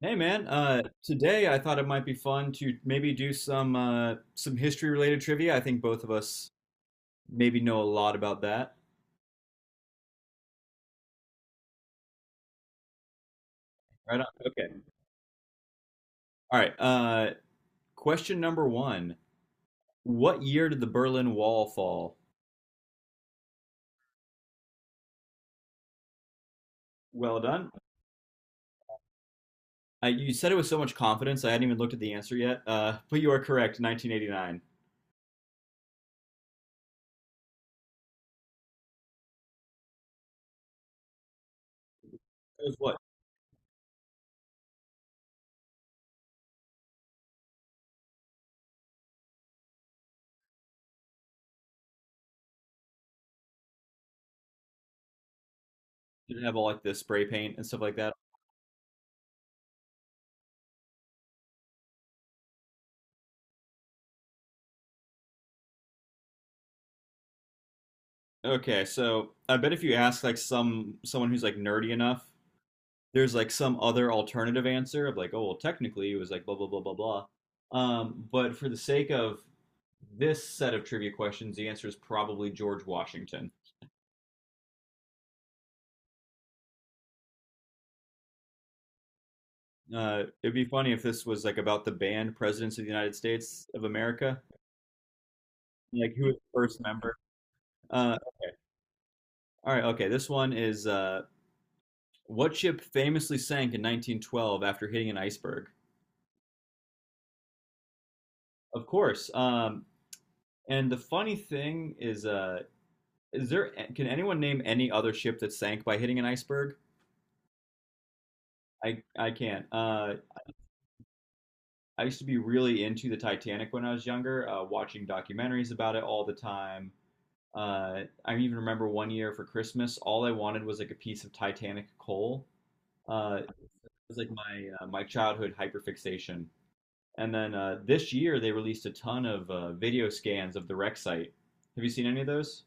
Hey man, today I thought it might be fun to maybe do some history related trivia. I think both of us maybe know a lot about that. Right on. Okay. All right. Question number one. What year did the Berlin Wall fall? Well done. You said it with so much confidence. I hadn't even looked at the answer yet. But you are correct. 1989. It was what? Did it have all like the spray paint and stuff like that? Okay, so I bet if you ask like someone who's like nerdy enough, there's like some other alternative answer of like, oh, well, technically it was like blah, blah, blah, blah, blah. But for the sake of this set of trivia questions, the answer is probably George Washington. It'd be funny if this was like about the band presidents of the United States of America, like who was the first member. Uh, all right, okay. This one is what ship famously sank in 1912 after hitting an iceberg? Of course. And the funny thing is, is there? Can anyone name any other ship that sank by hitting an iceberg? I can't. I used to be really into the Titanic when I was younger, watching documentaries about it all the time. I even remember one year for Christmas, all I wanted was like a piece of Titanic coal. It was like my my childhood hyperfixation. And then this year they released a ton of video scans of the wreck site. Have you seen any of those?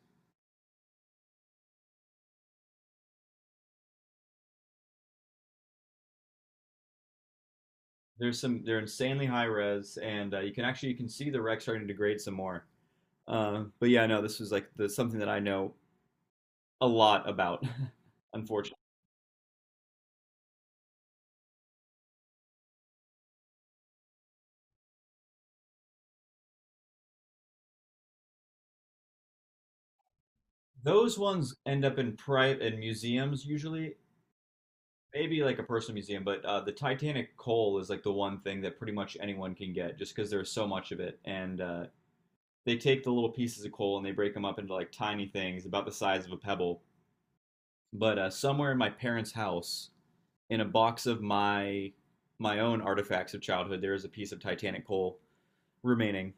There's some. They're insanely high res, and you can see the wreck starting to degrade some more. But yeah, no, this was like the something that I know a lot about, unfortunately. Those ones end up in private in museums usually, maybe like a personal museum, but the Titanic coal is like the one thing that pretty much anyone can get just because there's so much of it. And they take the little pieces of coal and they break them up into like tiny things about the size of a pebble. But somewhere in my parents' house, in a box of my own artifacts of childhood, there is a piece of Titanic coal remaining.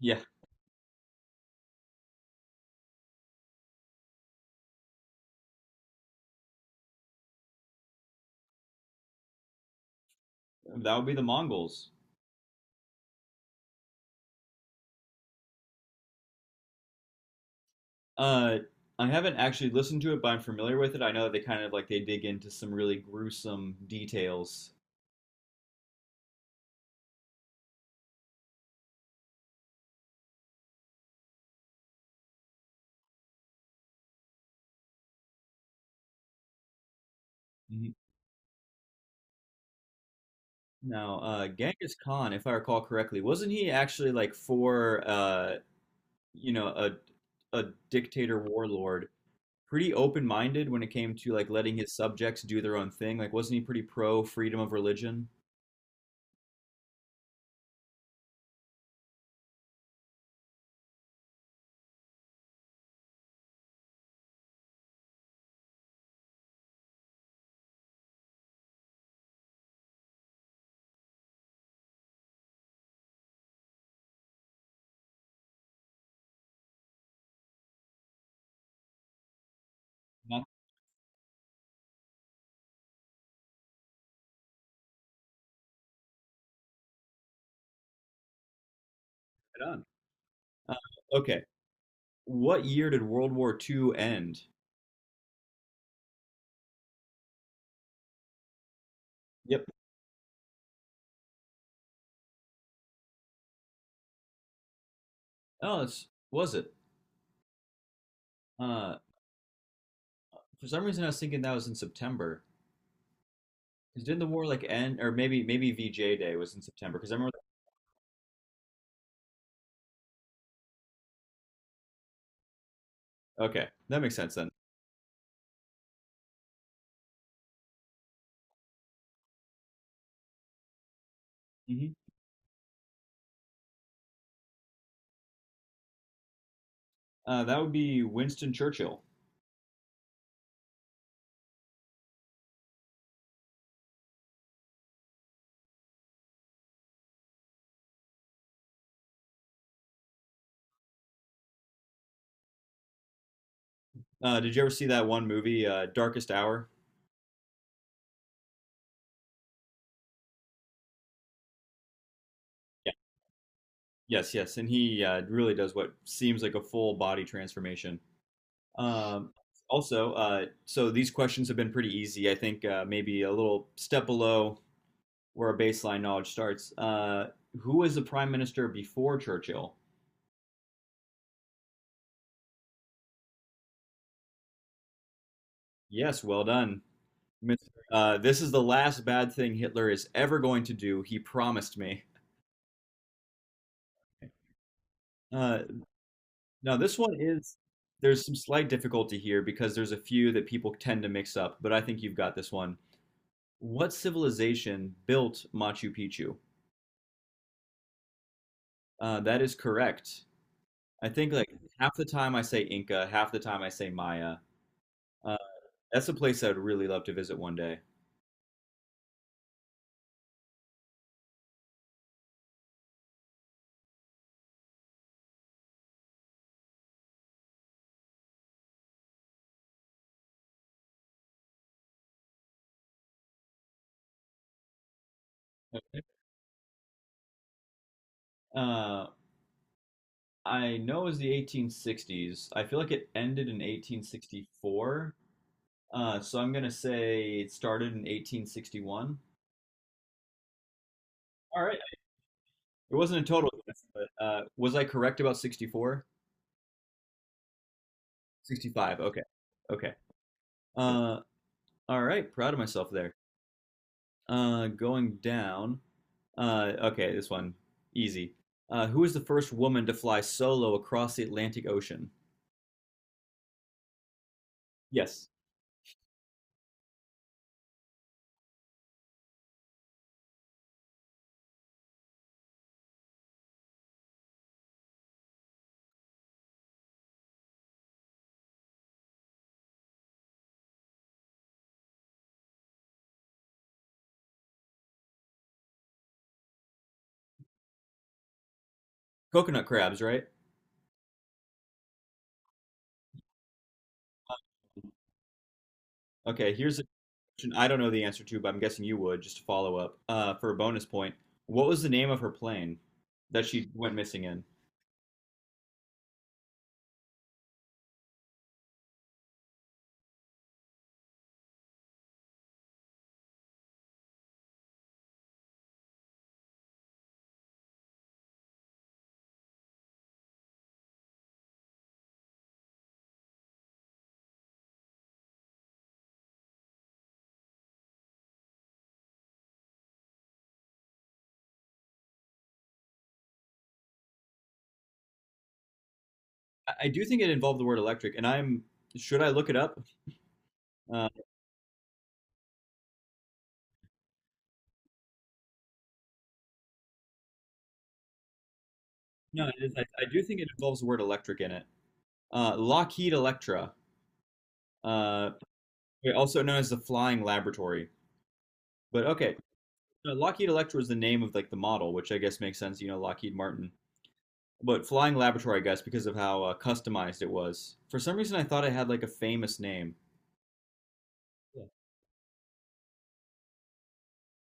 Yeah, that would be the Mongols. Uh, I haven't actually listened to it, but I'm familiar with it. I know that they kind of like they dig into some really gruesome details. Mhm. Now, Genghis Khan, if I recall correctly, wasn't he actually like for you know, a a dictator warlord, pretty open-minded when it came to like letting his subjects do their own thing? Like, wasn't he pretty pro freedom of religion? Not right on. Uh, okay. What year did World War Two end? Yep. Oh, it's, was it? Uh, For some reason, I was thinking that was in September. 'Cause didn't the war like end, or maybe VJ Day was in September? Because I remember. Okay, that makes sense then. Hmm. That would be Winston Churchill. Did you ever see that one movie, Darkest Hour? Yeah. Yes, yes, and he really does what seems like a full body transformation. Um, also, so these questions have been pretty easy. I think maybe a little step below where our baseline knowledge starts. Who was the prime minister before Churchill? Yes, well done. Mr. This is the last bad thing Hitler is ever going to do. He promised me. Uh, now, this one is, there's some slight difficulty here because there's a few that people tend to mix up, but I think you've got this one. What civilization built Machu Picchu? That is correct. I think like half the time I say Inca, half the time I say Maya. Uh, that's a place I'd really love to visit one day. Uh, I know it was the 1860s. I feel like it ended in 1864. So I'm gonna say it started in 1861. All right. It wasn't a total guess, but was I correct about 64? 65. Okay. Okay. Uh, all right. Proud of myself there. Going down. Okay, this one easy. Who was the first woman to fly solo across the Atlantic Ocean? Yes. Coconut crabs, right? Okay, here's a question I don't know the answer to, but I'm guessing you would, just to follow up, for a bonus point. What was the name of her plane that she went missing in? Do think it involved the word electric, and I'm should I look it up? Uh, no, it is. I do think it involves the word electric in it. Lockheed Electra, uh, also known as the Flying Laboratory. But okay, no, Lockheed Electra is the name of like the model, which I guess makes sense. You know, Lockheed Martin. But Flying Laboratory, I guess, because of how customized it was. For some reason, I thought it had like a famous name. Yeah.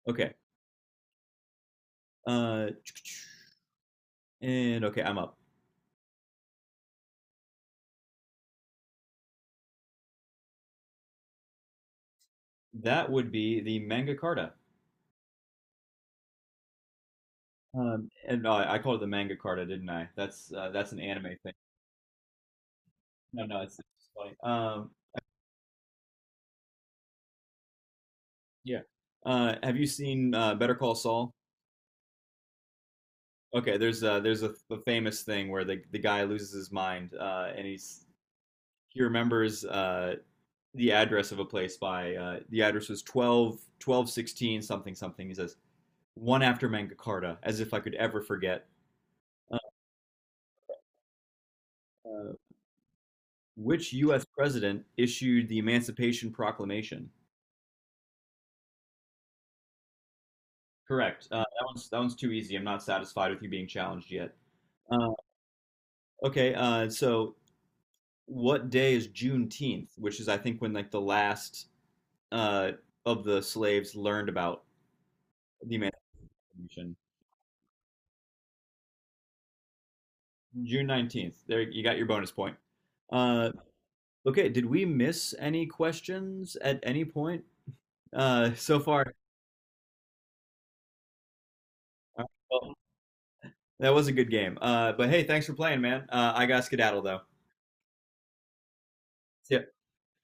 Okay. Uh, and okay, I'm up. That would be the Mangakata. And I called it the manga carta, didn't I? That's an anime thing. No, no, it's funny. Yeah. Have you seen Better Call Saul? Okay, there's a famous thing where the guy loses his mind, and he remembers the address of a place by the address was 12, 1216 something something. He says one after manga carta, as if I could ever forget. Uh, which U.S. president issued the Emancipation Proclamation? Correct. That one's too easy. I'm not satisfied with you being challenged yet. Uh, okay. So what day is Juneteenth, which is I think when like the last uh, of the slaves learned about the Emancipation. June 19th. There, you got your bonus point. Uh, okay. Did we miss any questions at any point so far? All right, well, that was a good game. But hey, thanks for playing, man. I got skedaddle though. See ya.